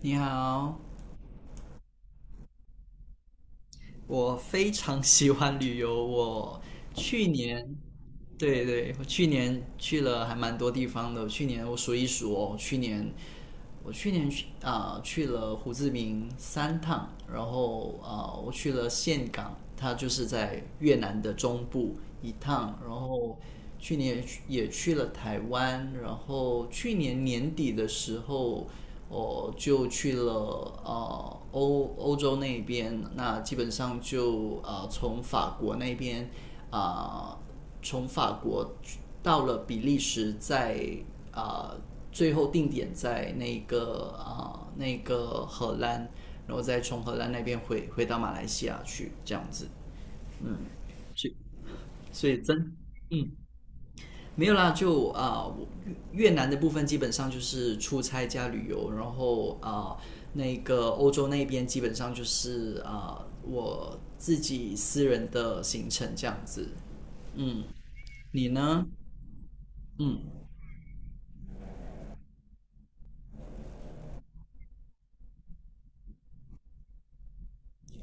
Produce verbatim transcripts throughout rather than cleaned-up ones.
你好，我非常喜欢旅游。我去年，对对，我去年去了还蛮多地方的。去年我数一数哦，去年我去年去啊、去了胡志明三趟，然后啊、我去了岘港，它就是在越南的中部一趟。然后去年也去也去了台湾，然后去年年底的时候，我就去了呃欧欧洲那边。那基本上就呃从法国那边，啊、呃从法国到了比利时在，啊呃最后定点在那个啊、呃那个荷兰，然后再从荷兰那边回回到马来西亚去这样子。去所以真嗯没有啦，就啊、呃越南的部分基本上就是出差加旅游，然后啊、呃那个欧洲那边基本上就是啊、呃我自己私人的行程这样子。嗯，你呢？嗯，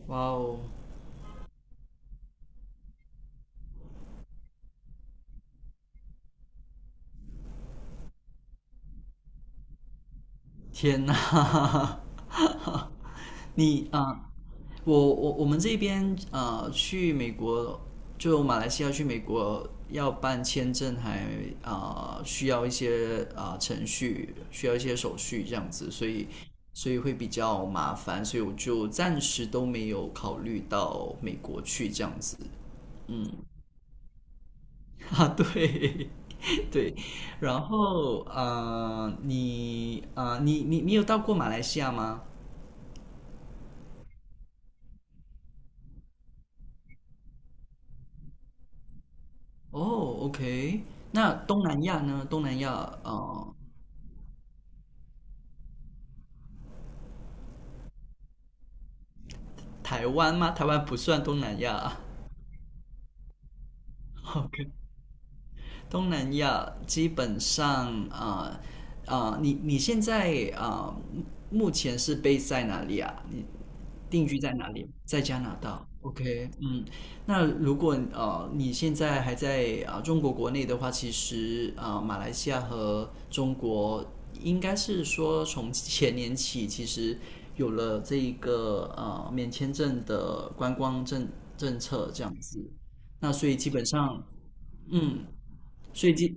哇哦，天哪！你啊、呃我我我们这边啊呃去美国，就马来西亚去美国要办签证还，还呃啊需要一些啊、呃程序，需要一些手续这样子，所以所以会比较麻烦，所以我就暂时都没有考虑到美国去这样子。嗯，啊，对 对，然后啊呃你啊呃你你你有到过马来西亚吗？哦，OK,那东南亚呢？东南亚啊。呃台湾吗？台湾不算东南亚。 OK,东南亚基本上啊啊、呃呃你你现在啊、呃目前是 b 在哪里啊？你定居在哪里？在加拿大。OK,嗯，那如果呃你现在还在啊、呃中国国内的话，其实啊、呃马来西亚和中国应该是说从前年起，其实有了这一个呃免签证的观光政政策这样子。那所以基本上，嗯，所以基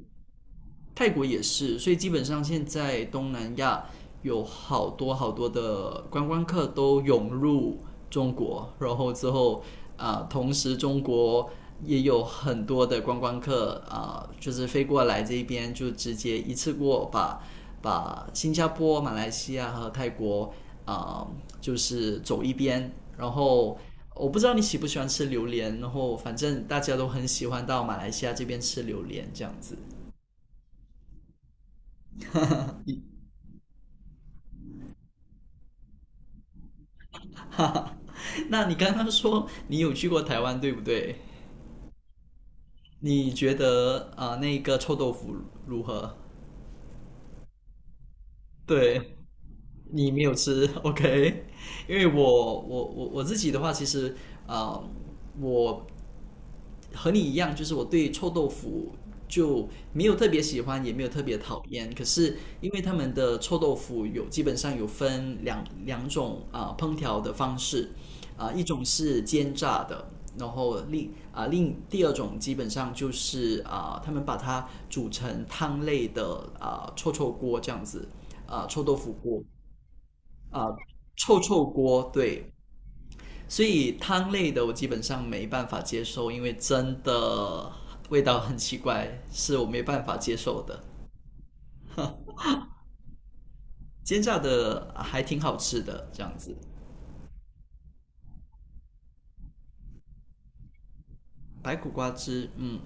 泰国也是，所以基本上现在东南亚有好多好多的观光客都涌入中国，然后之后啊、呃同时中国也有很多的观光客啊、呃就是飞过来这边就直接一次过把把新加坡、马来西亚和泰国啊、呃就是走一边，然后。我不知道你喜不喜欢吃榴莲，然后反正大家都很喜欢到马来西亚这边吃榴莲这样子。那你刚刚说你有去过台湾，对不对？你觉得啊，那个臭豆腐如何？对，你没有吃 ，OK?因为我我我我自己的话，其实啊，我和你一样，就是我对臭豆腐就没有特别喜欢，也没有特别讨厌。可是因为他们的臭豆腐有基本上有分两两种啊、呃烹调的方式，啊、呃一种是煎炸的，然后另啊、呃另第二种基本上就是啊、呃他们把它煮成汤类的啊、呃臭臭锅这样子，啊、呃臭豆腐锅啊、呃臭臭锅对。所以汤类的我基本上没办法接受，因为真的味道很奇怪，是我没办法接受的。煎炸的还挺好吃的，这样子。白苦瓜汁，嗯，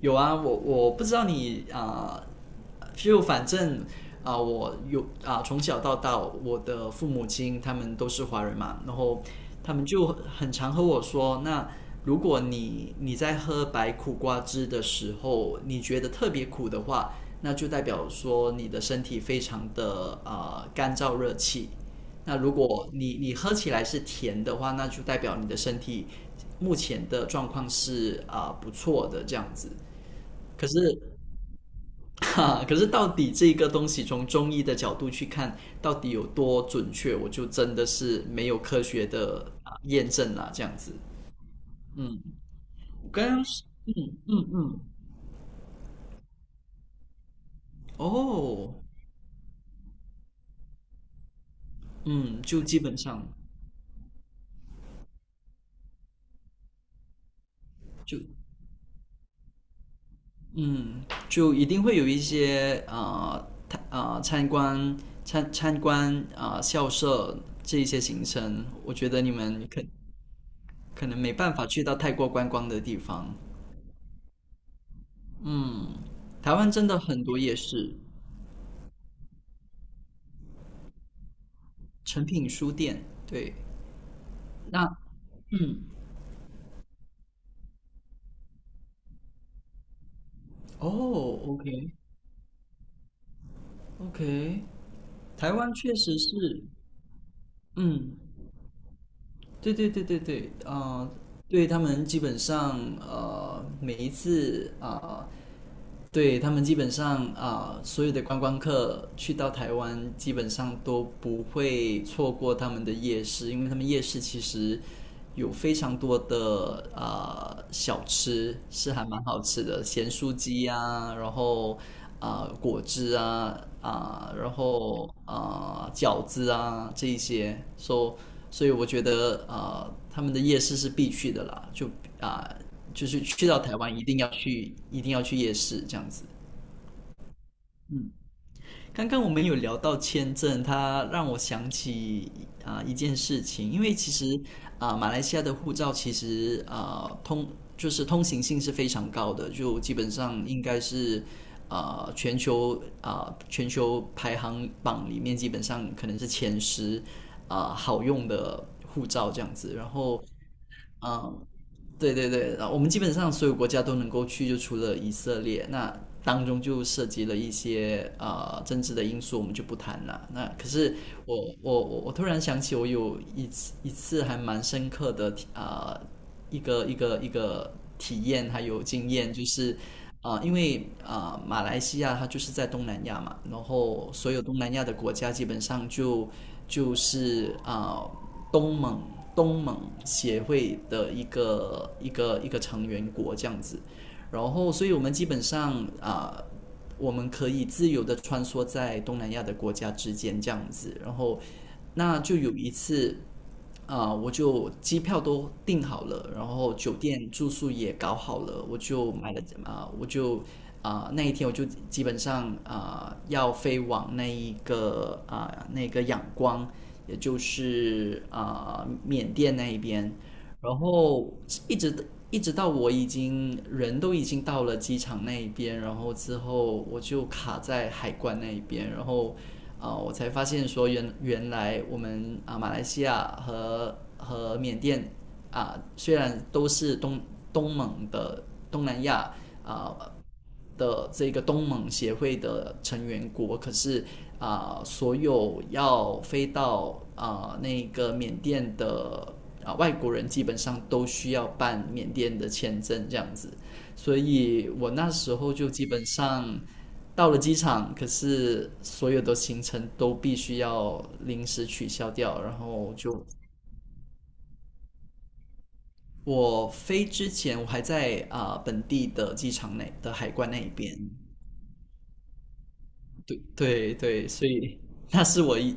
有啊，我我不知道你啊、呃就反正啊、呃我有啊、呃从小到大，我的父母亲他们都是华人嘛，然后他们就很常和我说，那如果你你在喝白苦瓜汁的时候，你觉得特别苦的话，那就代表说你的身体非常的啊、干燥热气。那如果你你喝起来是甜的话，那就代表你的身体目前的状况是啊、呃不错的这样子。可是 哈，可是到底这个东西从中医的角度去看，到底有多准确，我就真的是没有科学的啊验证啦，这样子。嗯，我刚刚是嗯哦嗯，就基本上就嗯就一定会有一些啊参啊参观参参观啊、呃校舍这一些行程，我觉得你们可可能没办法去到太过观光的地方。嗯，台湾真的很多夜市。成品书店。对，那哦OK OK，台湾确实是，嗯，对对对对对，啊、对他们基本上呃每一次啊、呃对他们基本上啊、呃所有的观光客去到台湾，基本上都不会错过他们的夜市，因为他们夜市其实有非常多的啊小吃是还蛮好吃的，咸酥鸡啊，然后啊、呃果汁啊啊、然后啊、呃饺子啊这一些，所、so, 所以我觉得啊、呃他们的夜市是必去的啦，就啊、就是去到台湾一定要去，一定要去夜市这样子。刚刚我们有聊到签证，它让我想起啊、呃一件事情，因为其实啊、呃马来西亚的护照其实啊、呃通就是通行性是非常高的，就基本上应该是啊、呃全球啊、呃全球排行榜里面基本上可能是前十啊、呃好用的护照这样子，然后。嗯，对对对，然后我们基本上所有国家都能够去，就除了以色列，那当中就涉及了一些呃政治的因素，我们就不谈了。那可是我我我我突然想起，我有一次一次还蛮深刻的体呃一个一个一个体验还有经验，就是啊，因为啊马来西亚它就是在东南亚嘛，然后所有东南亚的国家基本上就。就是啊、呃东盟东盟协会的一个一个一个成员国这样子，然后所以我们基本上啊、呃我们可以自由的穿梭在东南亚的国家之间这样子，然后那就有一次啊、我就机票都订好了，然后酒店住宿也搞好了，我就买了啊、我就啊、那一天我就基本上啊、要飞往那一个啊、那个仰光，也就是啊、缅甸那一边，然后一直一直到我已经人都已经到了机场那一边，然后之后我就卡在海关那一边，然后。呃，我才发现说原原来我们啊、呃马来西亚和和缅甸啊、呃虽然都是东东盟的东南亚啊、的这个东盟协会的成员国，可是啊、呃所有要飞到啊、呃那个缅甸的啊、呃外国人，基本上都需要办缅甸的签证这样子。所以我那时候就基本上到了机场，可是所有的行程都必须要临时取消掉，然后就我飞之前我还在啊、呃本地的机场内的海关那一边。对对对，所以那是我一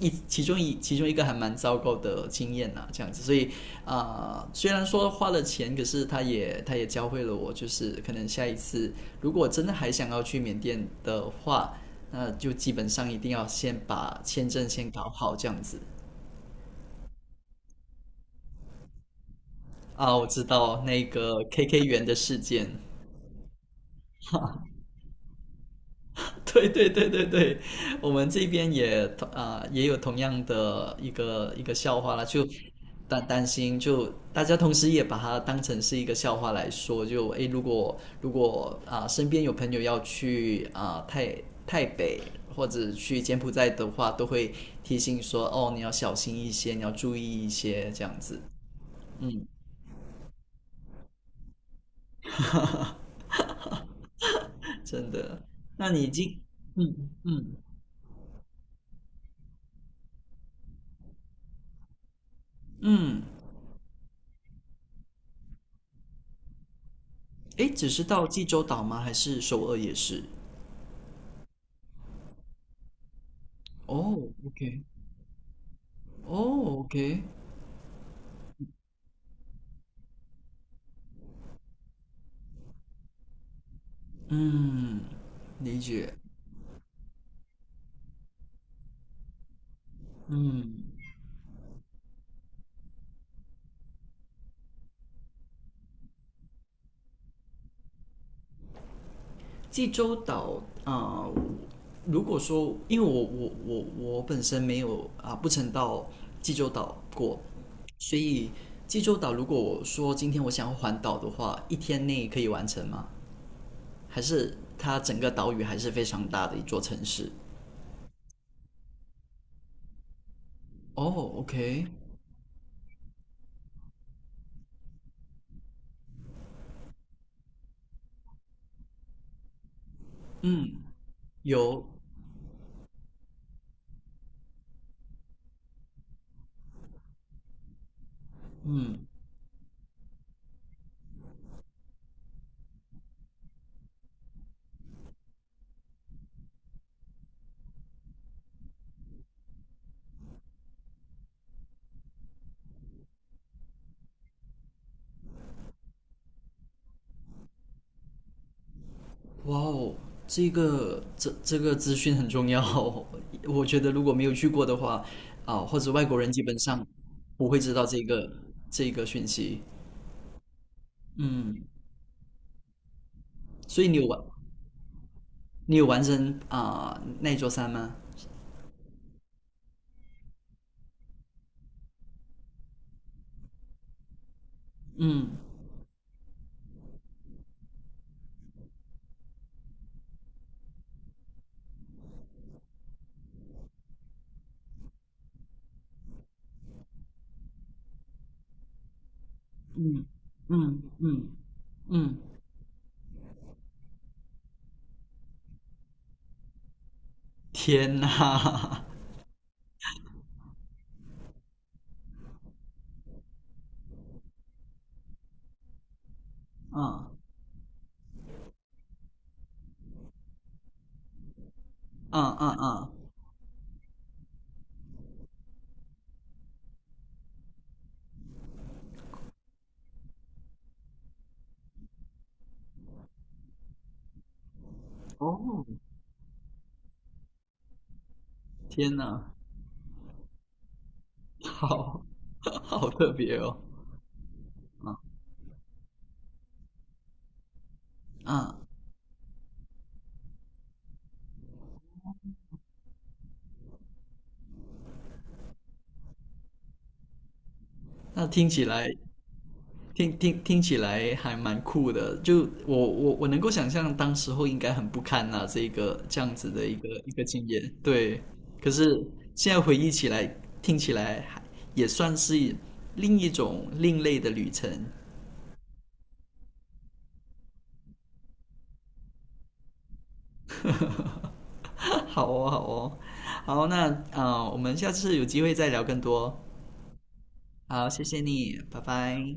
一其中一其中一个还蛮糟糕的经验呐，这样子，所以啊、呃虽然说花了钱，可是他也他也教会了我，就是可能下一次如果真的还想要去缅甸的话，那就基本上一定要先把签证先搞好，这样子。啊，我知道那个 K K 园的事件。对对对对对，我们这边也同啊、也有同样的一个一个笑话啦，就担担心，就大家同时也把它当成是一个笑话来说。就诶，如果如果啊、呃身边有朋友要去啊、呃泰泰北或者去柬埔寨的话，都会提醒说哦，你要小心一些，你要注意一些这样子。嗯，真的。那你已经嗯嗯嗯，诶，只是到济州岛吗？还是首尔也是？哦，OK,哦，OK,嗯，理解，嗯。济州岛啊、呃如果说因为我我我我本身没有啊、呃不曾到济州岛过，所以济州岛如果我说今天我想要环岛的话，一天内可以完成吗？还是它整个岛屿还是非常大的一座城市？哦，OK,嗯，有，哇哦，这个这这个资讯很重要哦，我觉得如果没有去过的话，啊、或者外国人基本上不会知道这个这个讯息。嗯，所以你有完，你有完成啊、呃那座山吗？嗯嗯嗯嗯，天呐，嗯嗯嗯嗯，哦，天呐，好 好特别哦，嗯，那听起来听听听起来还蛮酷的，就我我我能够想象当时候应该很不堪呐、这个这样子的一个一个经验，对。可是现在回忆起来，听起来还也算是另一种另类的旅程。好哦，好哦，好，那啊、呃我们下次有机会再聊更多。好，谢谢你，拜拜。